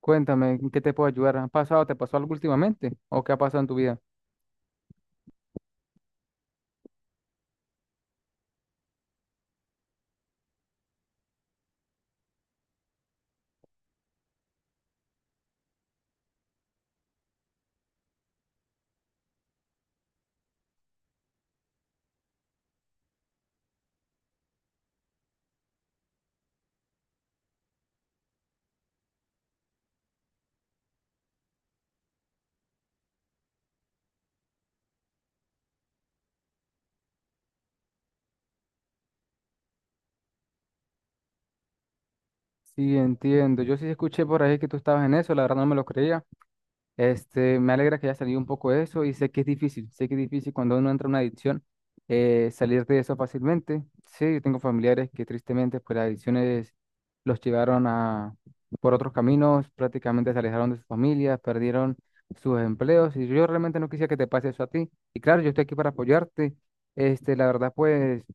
Cuéntame, ¿en qué te puedo ayudar? ¿Ha pasado, te pasó algo últimamente? ¿O qué ha pasado en tu vida? Sí, entiendo. Yo sí escuché por ahí que tú estabas en eso, la verdad no me lo creía. Me alegra que haya salido un poco de eso y sé que es difícil, sé que es difícil cuando uno entra en una adicción salir de eso fácilmente. Sí, yo tengo familiares que tristemente pues las adicciones los llevaron a por otros caminos, prácticamente se alejaron de sus familias, perdieron sus empleos y yo realmente no quisiera que te pase eso a ti. Y claro, yo estoy aquí para apoyarte. La verdad pues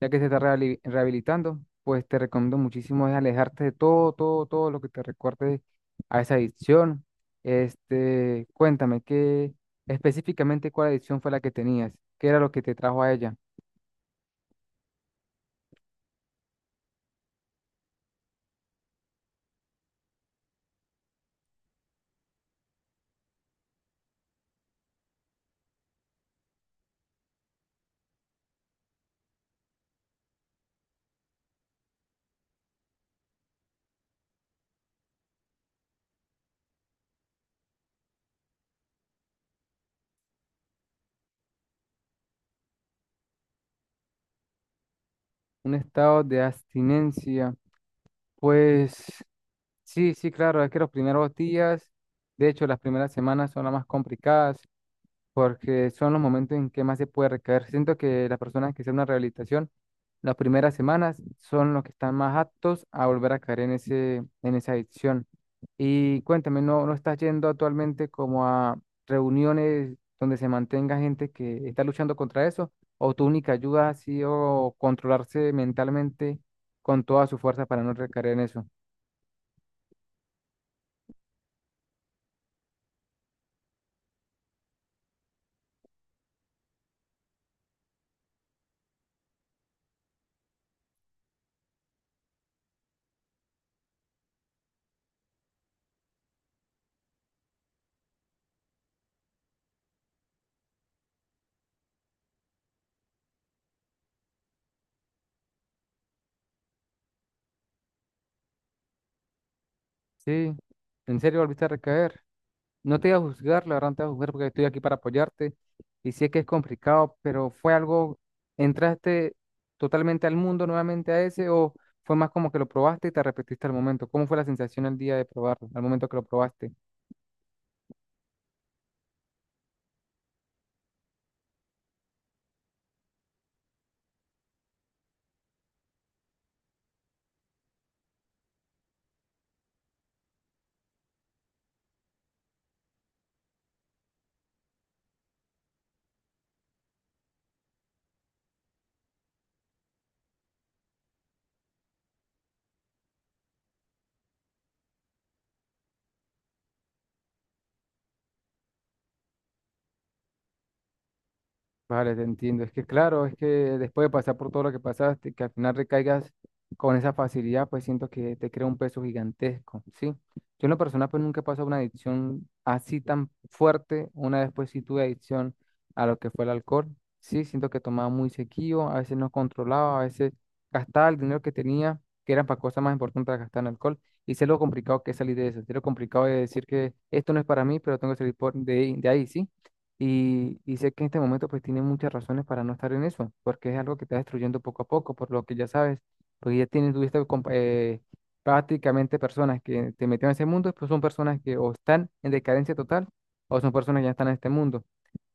ya que se está rehabilitando, pues te recomiendo muchísimo es alejarte de todo, todo, todo lo que te recuerde a esa adicción. Cuéntame, ¿qué específicamente cuál adicción fue la que tenías? ¿Qué era lo que te trajo a ella? Un estado de abstinencia. Pues sí, sí, claro, es que los primeros días, de hecho, las primeras semanas son las más complicadas porque son los momentos en que más se puede recaer. Siento que las personas que hacen una rehabilitación, las primeras semanas son los que están más aptos a volver a caer en en esa adicción. Y cuéntame, no estás yendo actualmente como a reuniones donde se mantenga gente que está luchando contra eso? ¿O tu única ayuda ha sido controlarse mentalmente con toda su fuerza para no recaer en eso? Sí, ¿en serio volviste a recaer? No te voy a juzgar, la verdad no te voy a juzgar porque estoy aquí para apoyarte y sé que es complicado, pero fue algo, ¿entraste totalmente al mundo nuevamente a ese o fue más como que lo probaste y te arrepentiste al momento? ¿Cómo fue la sensación el día de probarlo, al momento que lo probaste? Vale, te entiendo. Es que claro, es que después de pasar por todo lo que pasaste, que al final recaigas con esa facilidad, pues siento que te crea un peso gigantesco, ¿sí? Yo en lo personal pues nunca he pasado una adicción así tan fuerte. Una vez pues sí tuve adicción a lo que fue el alcohol, ¿sí? Siento que tomaba muy seguido, a veces no controlaba, a veces gastaba el dinero que tenía, que era para cosas más importantes de gastar en alcohol. Y sé lo complicado que es salir de eso, sé lo complicado de decir que esto no es para mí, pero tengo que salir de ahí, ¿sí? Y sé que en este momento pues tiene muchas razones para no estar en eso, porque es algo que está destruyendo poco a poco, por lo que ya sabes, porque ya tienes, tuviste prácticamente personas que te metieron en ese mundo, pues son personas que o están en decadencia total o son personas que ya están en este mundo.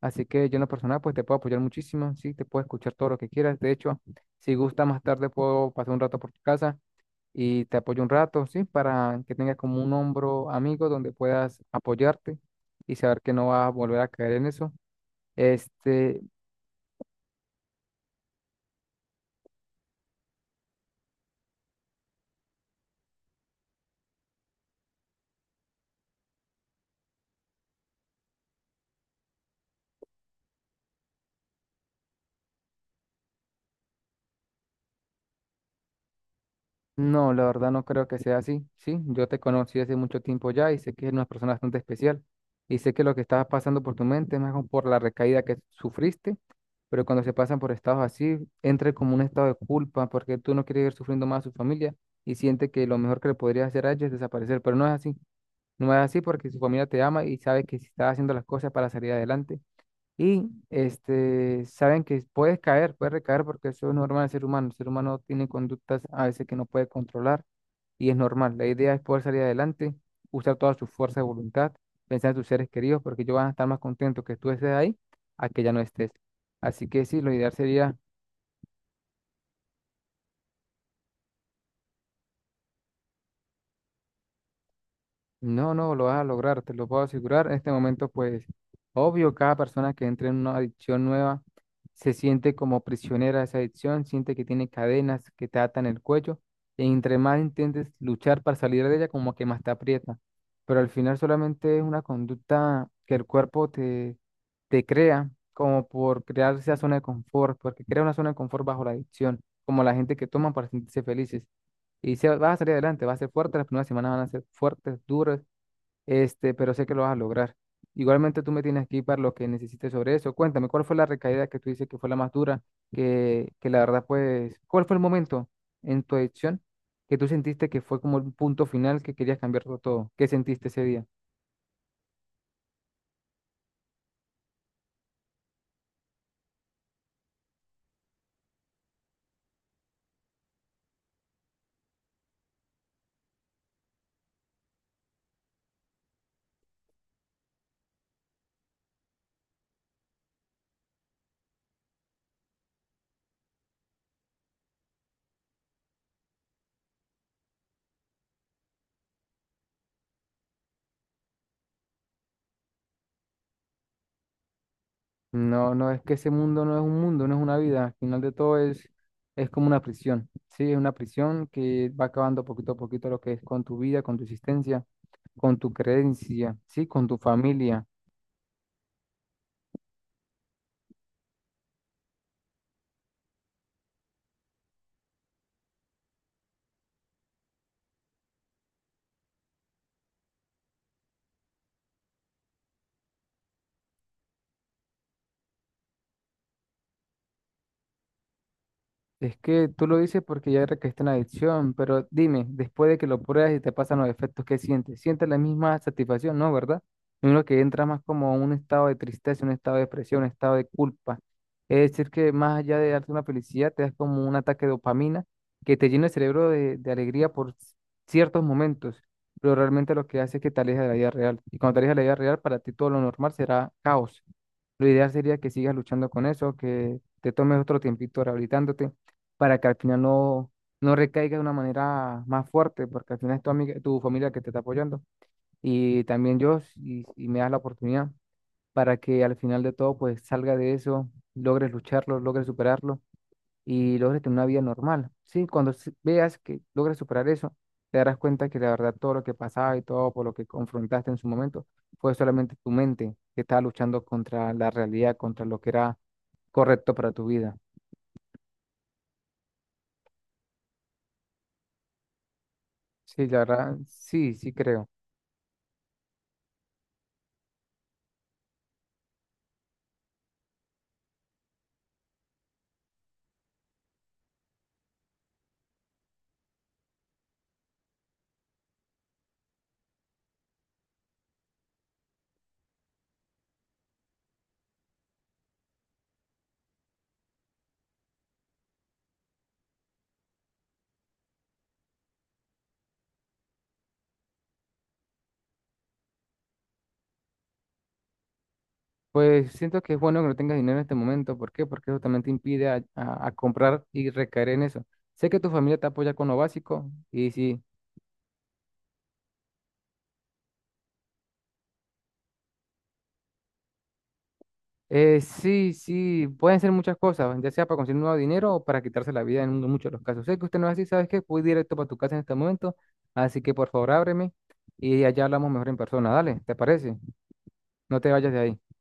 Así que yo en lo personal pues te puedo apoyar muchísimo, sí, te puedo escuchar todo lo que quieras. De hecho, si gusta más tarde puedo pasar un rato por tu casa y te apoyo un rato, sí, para que tengas como un hombro amigo donde puedas apoyarte y saber que no vas a volver a caer en eso. Este, no, la verdad no creo que sea así, ¿sí? Yo te conocí hace mucho tiempo ya y sé que eres una persona bastante especial y sé que lo que estaba pasando por tu mente es más como por la recaída que sufriste, pero cuando se pasan por estados así, entra como un estado de culpa porque tú no quieres ir sufriendo más a su familia y siente que lo mejor que le podrías hacer a ella es desaparecer, pero no es así, no es así porque su familia te ama y sabe que si estás haciendo las cosas para salir adelante. Saben que puedes caer, puedes recaer porque eso es normal del ser humano. El ser humano tiene conductas a veces que no puede controlar y es normal. La idea es poder salir adelante, usar toda su fuerza de voluntad, pensar en tus seres queridos porque ellos van a estar más contentos que tú estés ahí a que ya no estés. Así que sí, lo ideal sería no, no, lo vas a lograr, te lo puedo asegurar. En este momento, pues, obvio, cada persona que entra en una adicción nueva se siente como prisionera de esa adicción, siente que tiene cadenas que te atan el cuello, y entre más intentes luchar para salir de ella, como que más te aprieta. Pero al final solamente es una conducta que el cuerpo te crea, como por crear esa zona de confort, porque crea una zona de confort bajo la adicción, como la gente que toma para sentirse felices. Vas a salir adelante, vas a ser fuerte, las primeras semanas van a ser fuertes, duras, pero sé que lo vas a lograr. Igualmente tú me tienes aquí para lo que necesites sobre eso. Cuéntame, ¿cuál fue la recaída que tú dices que fue la más dura? Que la verdad, pues, ¿cuál fue el momento en tu adicción que tú sentiste que fue como el punto final que querías cambiarlo todo? ¿Qué sentiste ese día? No, no, es que ese mundo no es un mundo, no es una vida. Al final de todo es como una prisión, ¿sí? Es una prisión que va acabando poquito a poquito lo que es con tu vida, con tu existencia, con tu creencia, ¿sí? Con tu familia. Es que tú lo dices porque ya recaíste en la adicción, pero dime, después de que lo pruebas y te pasan los efectos, ¿qué sientes? ¿Sientes la misma satisfacción? No, ¿verdad? Uno que entra más como un estado de tristeza, un estado de depresión, un estado de culpa. Es decir, que más allá de darte una felicidad, te das como un ataque de dopamina que te llena el cerebro de alegría por ciertos momentos, pero realmente lo que hace es que te aleja de la vida real. Y cuando te alejas de la vida real, para ti todo lo normal será caos. Lo ideal sería que sigas luchando con eso, que te tomes otro tiempito rehabilitándote para que al final no recaiga de una manera más fuerte, porque al final es tu amiga, tu familia que te está apoyando. Y también yo, si me das la oportunidad, para que al final de todo, pues salga de eso, logres lucharlo, logres superarlo y logres tener una vida normal. Sí, cuando veas que logres superar eso, te darás cuenta que la verdad todo lo que pasaba y todo por lo que confrontaste en su momento fue solamente tu mente que estaba luchando contra la realidad, contra lo que era correcto para tu vida. Sí, la verdad, sí, sí creo. Pues siento que es bueno que no tengas dinero en este momento. ¿Por qué? Porque eso también te impide a comprar y recaer en eso. Sé que tu familia te apoya con lo básico y sí, sí, sí, pueden ser muchas cosas, ya sea para conseguir nuevo dinero o para quitarse la vida en muchos de los casos. Sé que usted no es así, ¿sabes qué? Voy directo para tu casa en este momento, así que por favor ábreme y allá hablamos mejor en persona. Dale, ¿te parece? No te vayas de ahí.